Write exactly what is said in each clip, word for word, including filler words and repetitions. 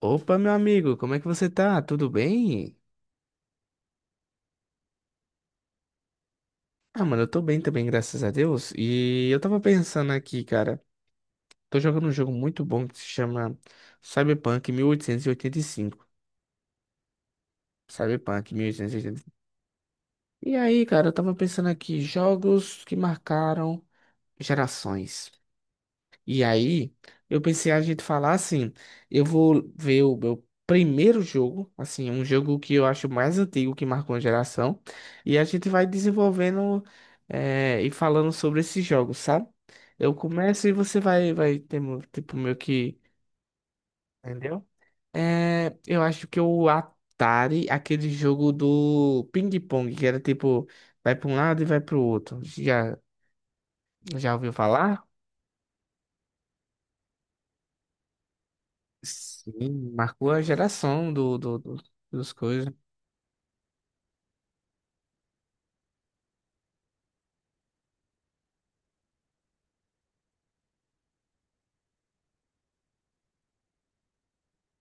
Opa, meu amigo, como é que você tá? Tudo bem? Ah, mano, eu tô bem também, graças a Deus. E eu tava pensando aqui, cara, tô jogando um jogo muito bom que se chama Cyberpunk mil oitocentos e e oitenta e cinco. Cyberpunk mil oitocentos e oitenta e cinco. E oitenta e cinco. E aí, cara, eu tava pensando aqui, jogos que marcaram gerações. E aí, eu pensei a gente falar assim, eu vou ver o meu primeiro jogo, assim, um jogo que eu acho mais antigo, que marcou uma geração, e a gente vai desenvolvendo eh, e falando sobre esses jogos, sabe? Eu começo e você vai, vai ter, mo- tipo, meio que, entendeu? Eh, eu acho que o Atari, aquele jogo do ping-pong, que era tipo, vai para um lado e vai pro outro, já, já ouviu falar? Sim, marcou a geração do, do, do- dos coisas.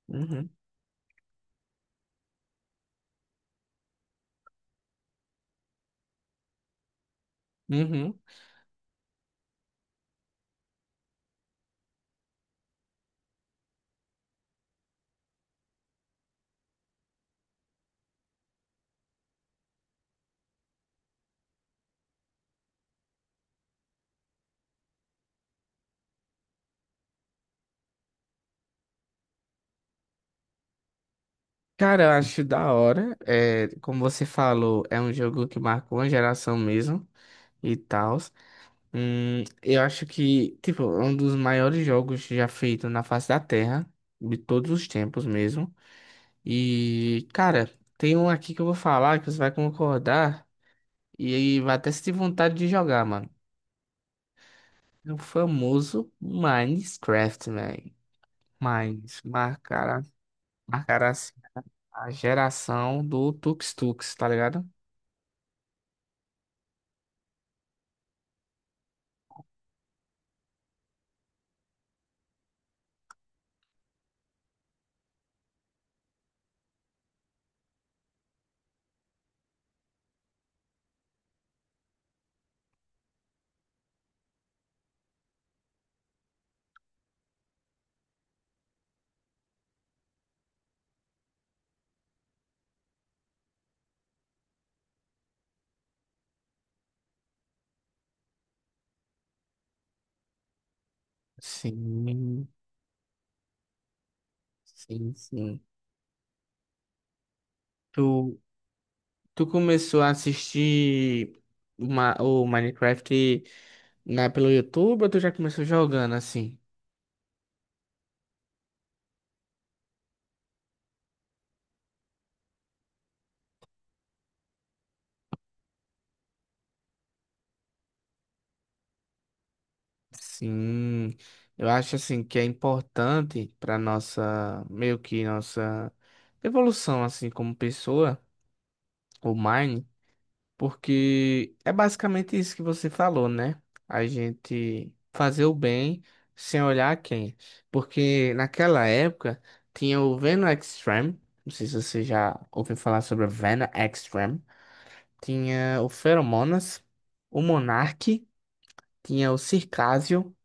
Uhum. Uhum. Cara, eu acho da hora. É, como você falou, é um jogo que marcou a geração mesmo e tal. Hum, eu acho que, tipo, é um dos maiores jogos já feito na face da Terra, de todos os tempos mesmo. E, cara, tem um aqui que eu vou falar que você vai concordar e aí vai até se ter vontade de jogar, mano. É o famoso Minecraft, man. Mas marcará, marcará assim, a geração do Tux Tux, tá ligado? Sim, sim, sim. Tu, tu começou a assistir uma, o Minecraft, né, pelo YouTube ou tu já começou jogando assim? Sim, eu acho assim que é importante para nossa, meio que nossa evolução assim como pessoa, o Mine. Porque é basicamente isso que você falou, né? A gente fazer o bem sem olhar a quem. Porque naquela época tinha o Venom Extreme. Não sei se você já ouviu falar sobre o Venom Extreme. Tinha o Feromonas, o Monark, tinha o Circásio.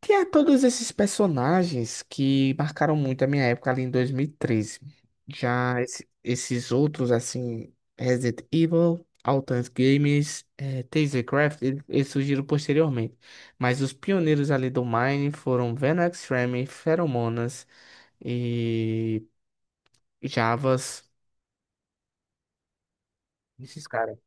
Tinha todos esses personagens que marcaram muito a minha época ali em dois mil e treze. Já esse- esses outros, assim, Resident Evil, Outlast Games, eh, Tasercraft, eles eles surgiram posteriormente. Mas os pioneiros ali do Mine foram Venom Extreme, Feromonas e Javas. Esses caras.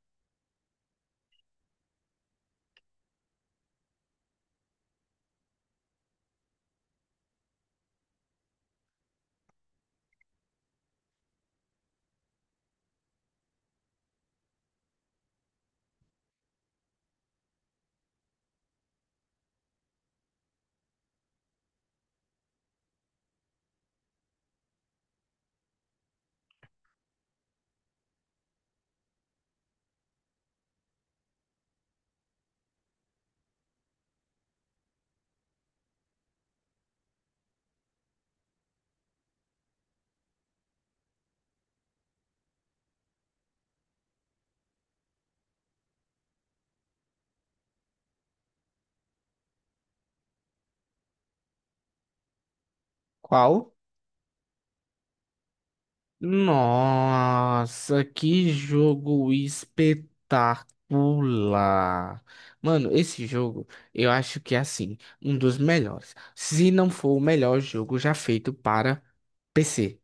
Qual? Nossa, que jogo espetacular. Mano, esse jogo eu acho que é assim, um dos melhores, se não for o melhor jogo já feito para P C.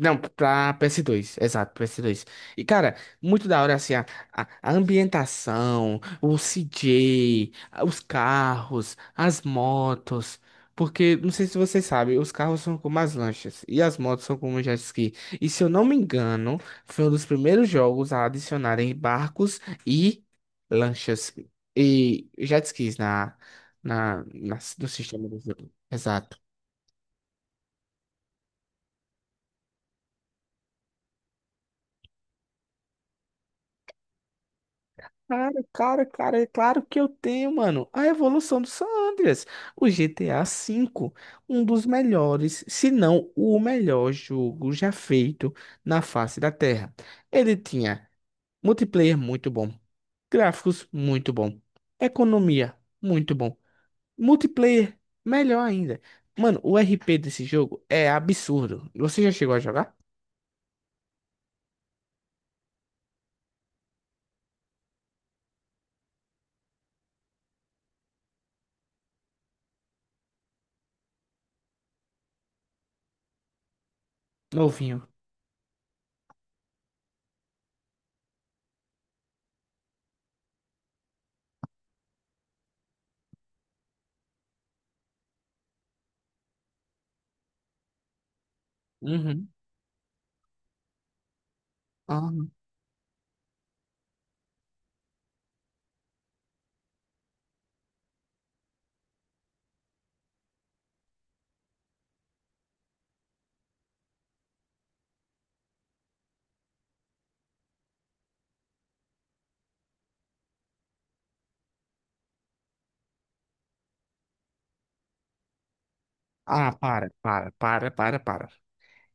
Não, pra P S dois, exato, P S dois. E, cara, muito da hora, assim, a, a- a ambientação, o C J, os carros, as motos. Porque, não sei se você sabe, os carros são como as lanchas e as motos são como jet ski. E, se eu não me engano, foi um dos primeiros jogos a adicionarem barcos e lanchas e jet skis na, na, na- no sistema do jogo. Exato. Cara, cara, cara, é claro que eu tenho, mano. A evolução do San Andreas, o G T A V, um dos melhores, se não o melhor jogo já feito na face da Terra. Ele tinha multiplayer muito bom, gráficos muito bom, economia muito bom, multiplayer melhor ainda. Mano, o R P desse jogo é absurdo. Você já chegou a jogar? Novinho. Uhum. Aham. Ah, para, para, para, para, para.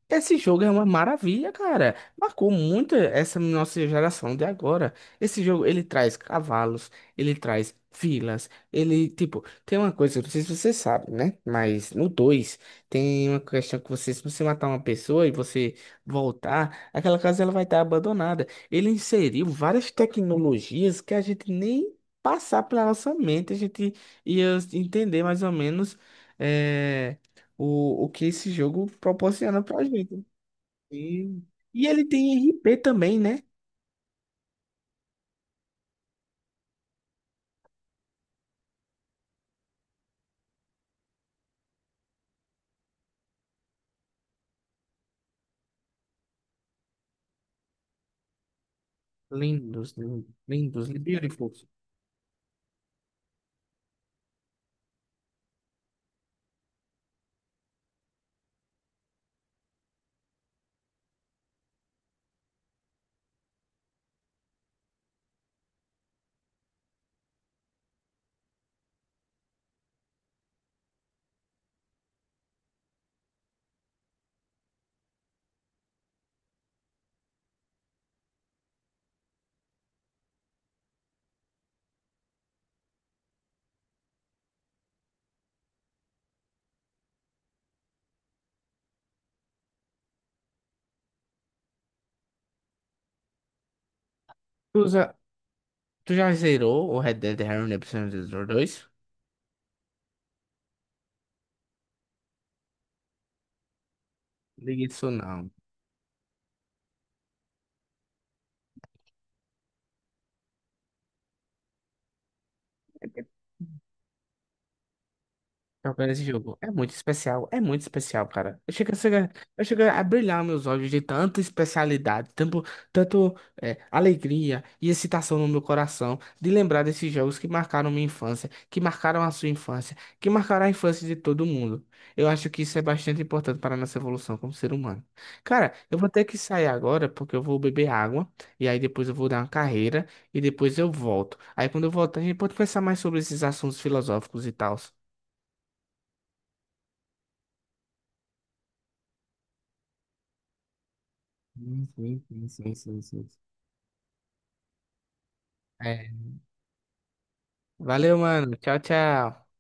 Esse jogo é uma maravilha, cara. Marcou muito essa nossa geração de agora. Esse jogo, ele traz cavalos, ele traz vilas, ele, tipo, tem uma coisa, eu não sei se você sabe, né? Mas no dois tem uma questão que você, se você matar uma pessoa e você voltar, aquela casa ela vai estar abandonada. Ele inseriu várias tecnologias que a gente nem passar pela nossa mente, a gente ia entender mais ou menos. eh, o, o que esse jogo proporciona pra gente. E, e ele tem R P também, né? Lindos, lin- lindos, beautiful. Tu já, tu já zerou o Red Dead Redemption dois. Liga isso não. Jogando esse jogo. É muito especial, é muito especial, cara. Eu chego, a ser- eu chego a brilhar meus olhos de tanta especialidade, tanto, tanto é, alegria e excitação no meu coração de lembrar desses jogos que marcaram minha infância, que marcaram a sua infância, que marcaram a infância de todo mundo. Eu acho que isso é bastante importante para a nossa evolução como ser humano. Cara, eu vou ter que sair agora porque eu vou beber água e aí depois eu vou dar uma carreira e depois eu volto. Aí quando eu voltar, a gente pode pensar mais sobre esses assuntos filosóficos e tal. Sim, sim, sim, sim, sim, sim. É. Valeu, mano. Tchau, tchau.